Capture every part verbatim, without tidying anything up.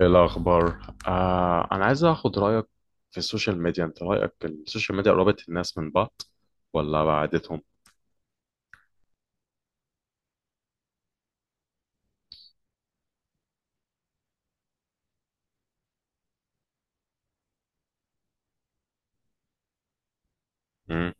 إيه الأخبار؟ آه أنا عايز أخد رأيك في السوشيال ميديا. أنت رأيك السوشيال ميديا قربت الناس من بعض ولا بعدتهم؟ مم.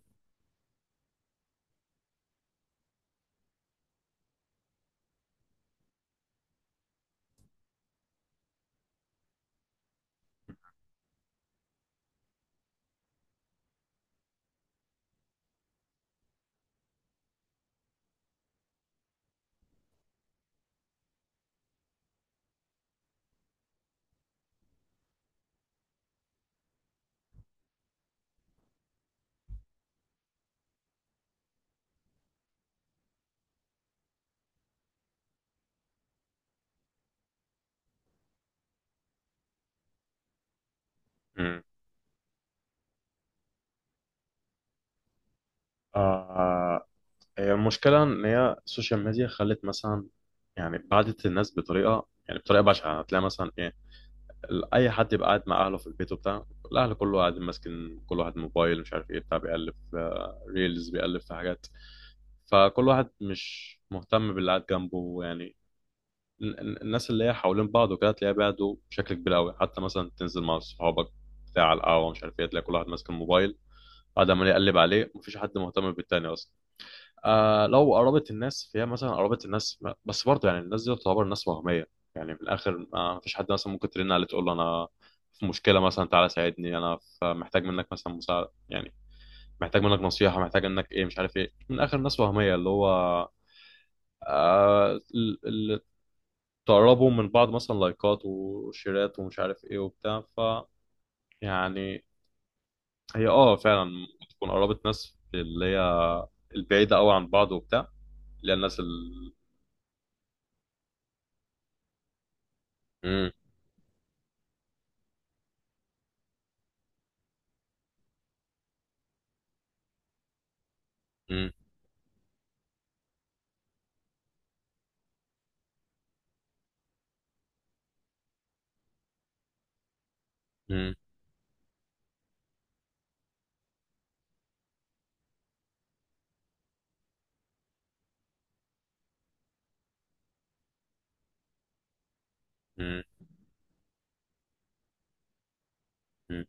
مم. آه هي المشكلة إن هي السوشيال ميديا خلت مثلا، يعني بعدت الناس بطريقة، يعني بطريقة بشعة. هتلاقي مثلا إيه، ال- أي حد يبقى قاعد مع أهله في البيت وبتاع. الأهل كله قاعد ماسكين، كل واحد موبايل مش عارف إيه بتاع، بيقلب في ريلز بيقلب في حاجات. فكل واحد مش مهتم باللي قاعد جنبه يعني. الناس اللي هي حوالين بعض وكده تلاقيها بعدوا بشكل كبير قوي. حتى مثلا تنزل مع صحابك بتاع على القهوه مش عارف ايه، تلاقي كل واحد ماسك الموبايل قاعد عمال يقلب عليه، مفيش حد مهتم بالتاني اصلا. آه، لو قربت الناس فهي مثلا قربت الناس، بس برضه يعني الناس دي تعتبر ناس وهميه. يعني في الاخر ما فيش حد مثلا ممكن ترن عليه تقول له انا في مشكله مثلا، تعالى ساعدني، انا ف- محتاج منك مثلا مساعده يعني. محتاج منك نصيحه، محتاج انك ايه مش عارف ايه، من اخر ناس وهميه اللي هو تقربوا من بعض مثلا لايكات وشيرات ومش عارف ايه وبتاع، ف يعني هي اه فعلا تكون قربت ناس اللي هي البعيدة قوي عن بعض وبتاع، اللي هي الناس ال مم. مم. مم. مم. مم.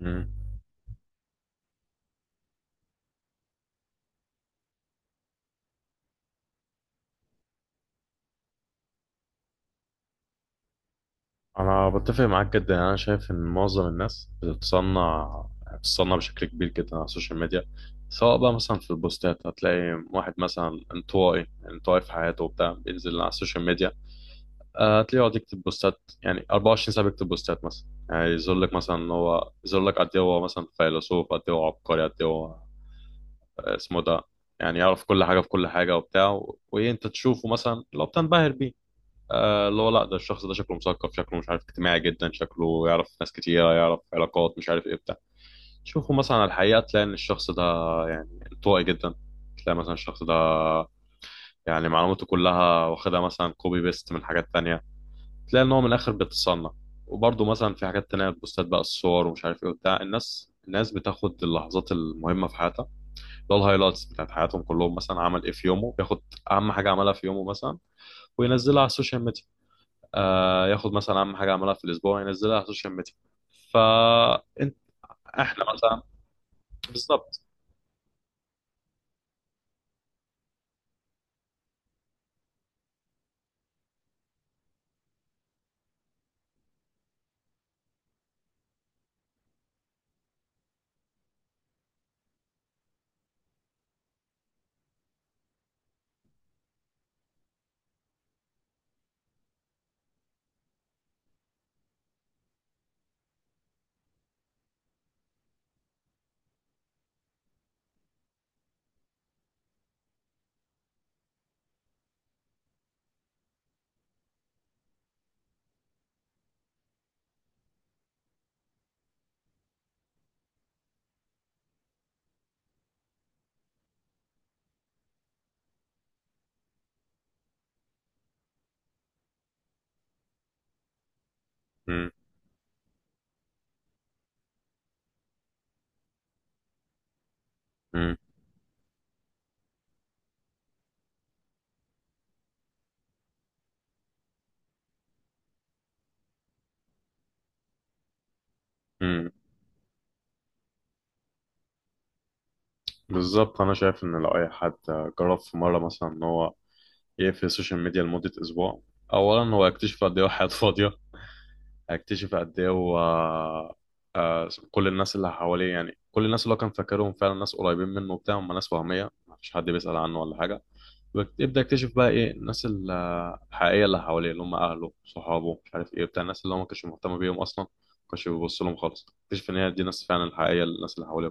مم. انا بتفق معاك جدا، يعني انا شايف ان معظم الناس بتتصنع، يعني بتتصنع بشكل كبير جدا على السوشيال ميديا. سواء بقى مثلا في البوستات، هتلاقي واحد مثلا انطوائي انطوائي في حياته وبتاع بينزل على السوشيال ميديا. آه، هتلاقيه يقعد يكتب بوستات يعني أربعة وعشرين ساعة بيكتب بوستات مثلا، يعني يظهر لك مثلا إن هو يظهر لك قد إيه هو مثلا فيلسوف، قد إيه هو عبقري، قد إيه هو، آه، اسمه ده. يعني يعرف كل حاجة في كل حاجة وبتاع، و- وإيه أنت تشوفه مثلا لو بتنبهر بيه. آه، اللي هو لا، ده الشخص ده شكله مثقف، شكله مش عارف اجتماعي جدا، شكله يعرف ناس كتيرة يعرف علاقات مش عارف إيه بتاع. تشوفه مثلا على الحقيقة تلاقي إن الشخص ده يعني انطوائي جدا. تلاقي مثلا الشخص ده يعني معلوماته كلها واخدها مثلا كوبي بيست من حاجات تانية. تلاقي ان هو من الاخر بيتصنع. وبرضه مثلا في حاجات تانية بوستات بقى الصور ومش عارف ايه وبتاع، الناس الناس بتاخد اللحظات المهمة في حياتها، اللي هو الهايلايتس بتاعت حياتهم، كلهم مثلا عمل ايه في يومه بياخد أهم حاجة عملها في يومه مثلا وينزلها على السوشيال ميديا. آه ياخد مثلا أهم حاجة عملها في الأسبوع ينزلها على السوشيال ميديا. فأنت إحنا مثلا بالظبط. مم. مم. مم. بالظبط، أنا شايف إن لو أي حد جرب في مرة مثلا إن هو يقفل السوشيال ميديا لمدة أسبوع، أولا هو يكتشف قد إيه هو حياته فاضية. اكتشف قد ايه هو آه، كل الناس اللي حواليه، يعني كل الناس اللي هو كان فاكرهم فعلا ناس قريبين منه وبتاع، هم ناس وهمية، مفيش حد بيسأل عنه ولا حاجة. وبت- يبدأ يكتشف بقى ايه الناس ال- الحقيقية اللي حواليه، اللي هم أهله صحابه مش عارف ايه بتاع، الناس اللي هو ما كانش مهتم بيهم أصلا، ما كانش بيبص لهم خالص، اكتشف إن هي دي ناس فعلا الحقيقية، الناس اللي حواليه.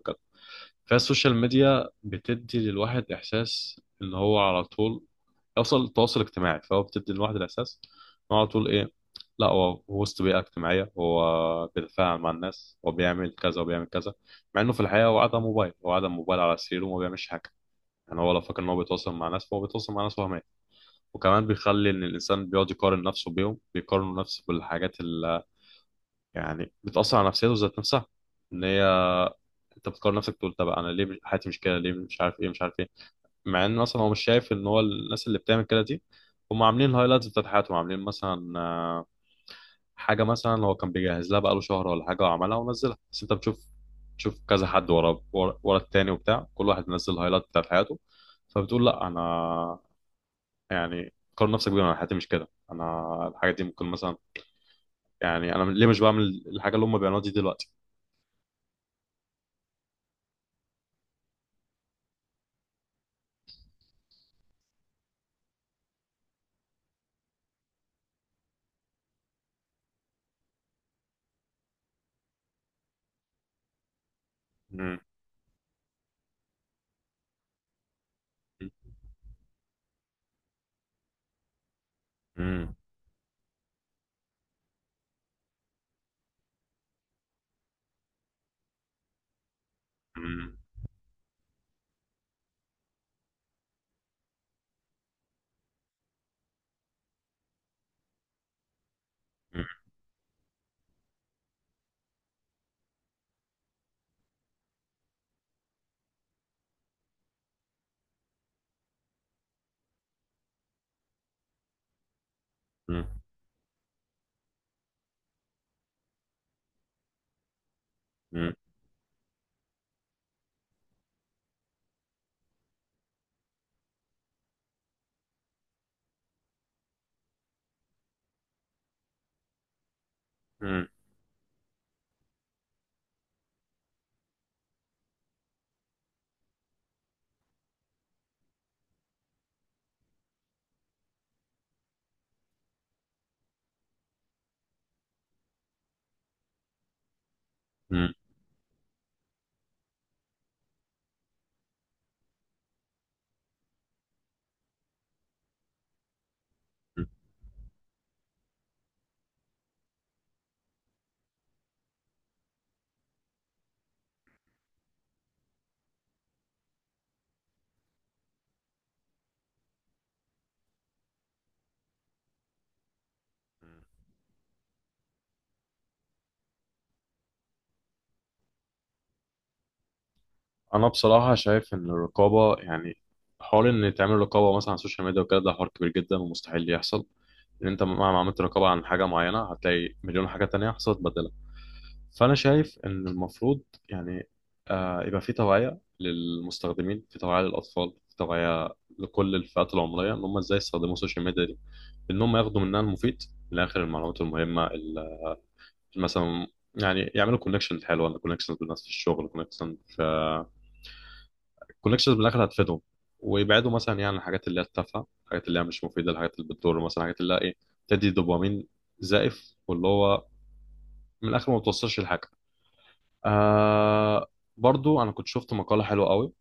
فالسوشيال ميديا بتدي للواحد إحساس إن هو على طول يوصل التواصل الاجتماعي، فهو بتدي للواحد الإحساس إن هو على طول إيه، لا هو هو وسط بيئة اجتماعية، هو بيتفاعل مع الناس، هو بيعمل كذا وبيعمل كذا. مع إنه في الحقيقة هو قاعد على موبايل، هو قاعد على موبايل على سريره وما بيعملش حاجة. يعني هو لو فاكر إن هو بيتواصل مع ناس، فهو بيتواصل مع ناس وهمية. وكمان بيخلي إن الإنسان بيقعد يقارن نفسه بيهم، بيقارن نفسه بالحاجات اللي يعني بتأثر على نفسيته ذات نفسها. إن هي انت بتقارن نفسك، تقول طب انا ليه مش- حياتي مش كده ليه، مش عارف ايه مش عارف ايه. مع ان اصلا هو مش شايف ان هو الناس اللي بتعمل كده دي هم عاملين الهايلايتس بتاعت حياتهم، عاملين مثلا آه، حاجه مثلا هو كان بيجهز لها بقاله شهر ولا حاجه وعملها ونزلها، بس انت بتشوف، تشوف كذا حد ورا ورا ورا التاني وبتاع، كل واحد منزل الهايلايت بتاعت حياته. فبتقول لا انا يعني، قارن نفسك بيهم، انا حياتي مش كده، انا الحاجه دي ممكن مثلا يعني انا ليه مش بعمل الحاجه اللي هم بيعملوها دي دلوقتي. مم. مم. مم. مم. مم. مم. مم. مم. انا بصراحه شايف ان الرقابه يعني حوار ان تعمل رقابه مثلا على السوشيال ميديا وكده، ده حوار كبير جدا ومستحيل يحصل. لان انت مهما عملت رقابه عن حاجه معينه هتلاقي مليون حاجه تانية حصلت بدلها. فانا شايف ان المفروض يعني آه يبقى في توعيه للمستخدمين، في توعيه للاطفال، في توعيه لكل الفئات العمريه، ان هم ازاي يستخدموا السوشيال ميديا دي، ان هم ياخدوا منها المفيد. من الاخر المعلومات المهمه ال- مثلا، يعني يعملوا كونكشن حلوه، كونكشن بالناس في الشغل، كونكشن في الكونكشنز بالاخر هتفيدهم. ويبعدوا مثلا يعني عن الحاجات اللي هي التافهه، الحاجات اللي هي مش مفيده، الحاجات اللي بتضر مثلا، الحاجات اللي هي ايه بتدي دوبامين زائف، واللي هو من الاخر ما بتوصلش لحاجه. آه برضو انا كنت شفت مقاله حلوه قوي،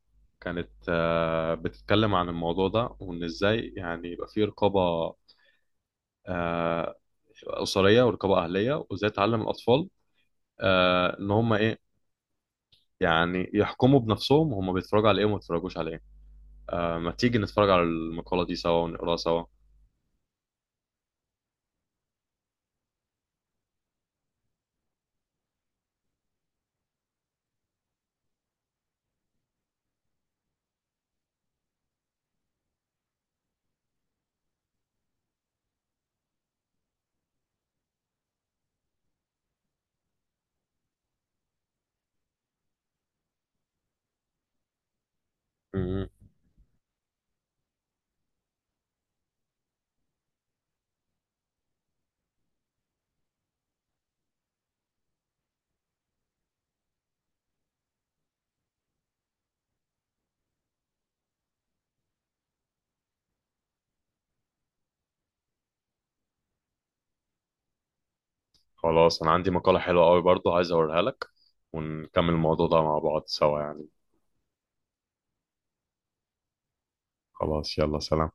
كانت آه بتتكلم عن الموضوع ده، وان ازاي يعني يبقى في رقابه آه اسريه، ورقابه اهليه، وازاي تعلم الاطفال آه ان هم ايه يعني يحكموا بنفسهم هم بيتفرجوا على ايه وما بيتفرجوش على ايه. آه ما تيجي نتفرج على المقاله دي سوا ونقراها سوا. مم. خلاص، انا عندي مقالة حلوة قوي برضو عايز اوريها لك، ونكمل الموضوع ده مع بعض سوا يعني. خلاص يلا سلام.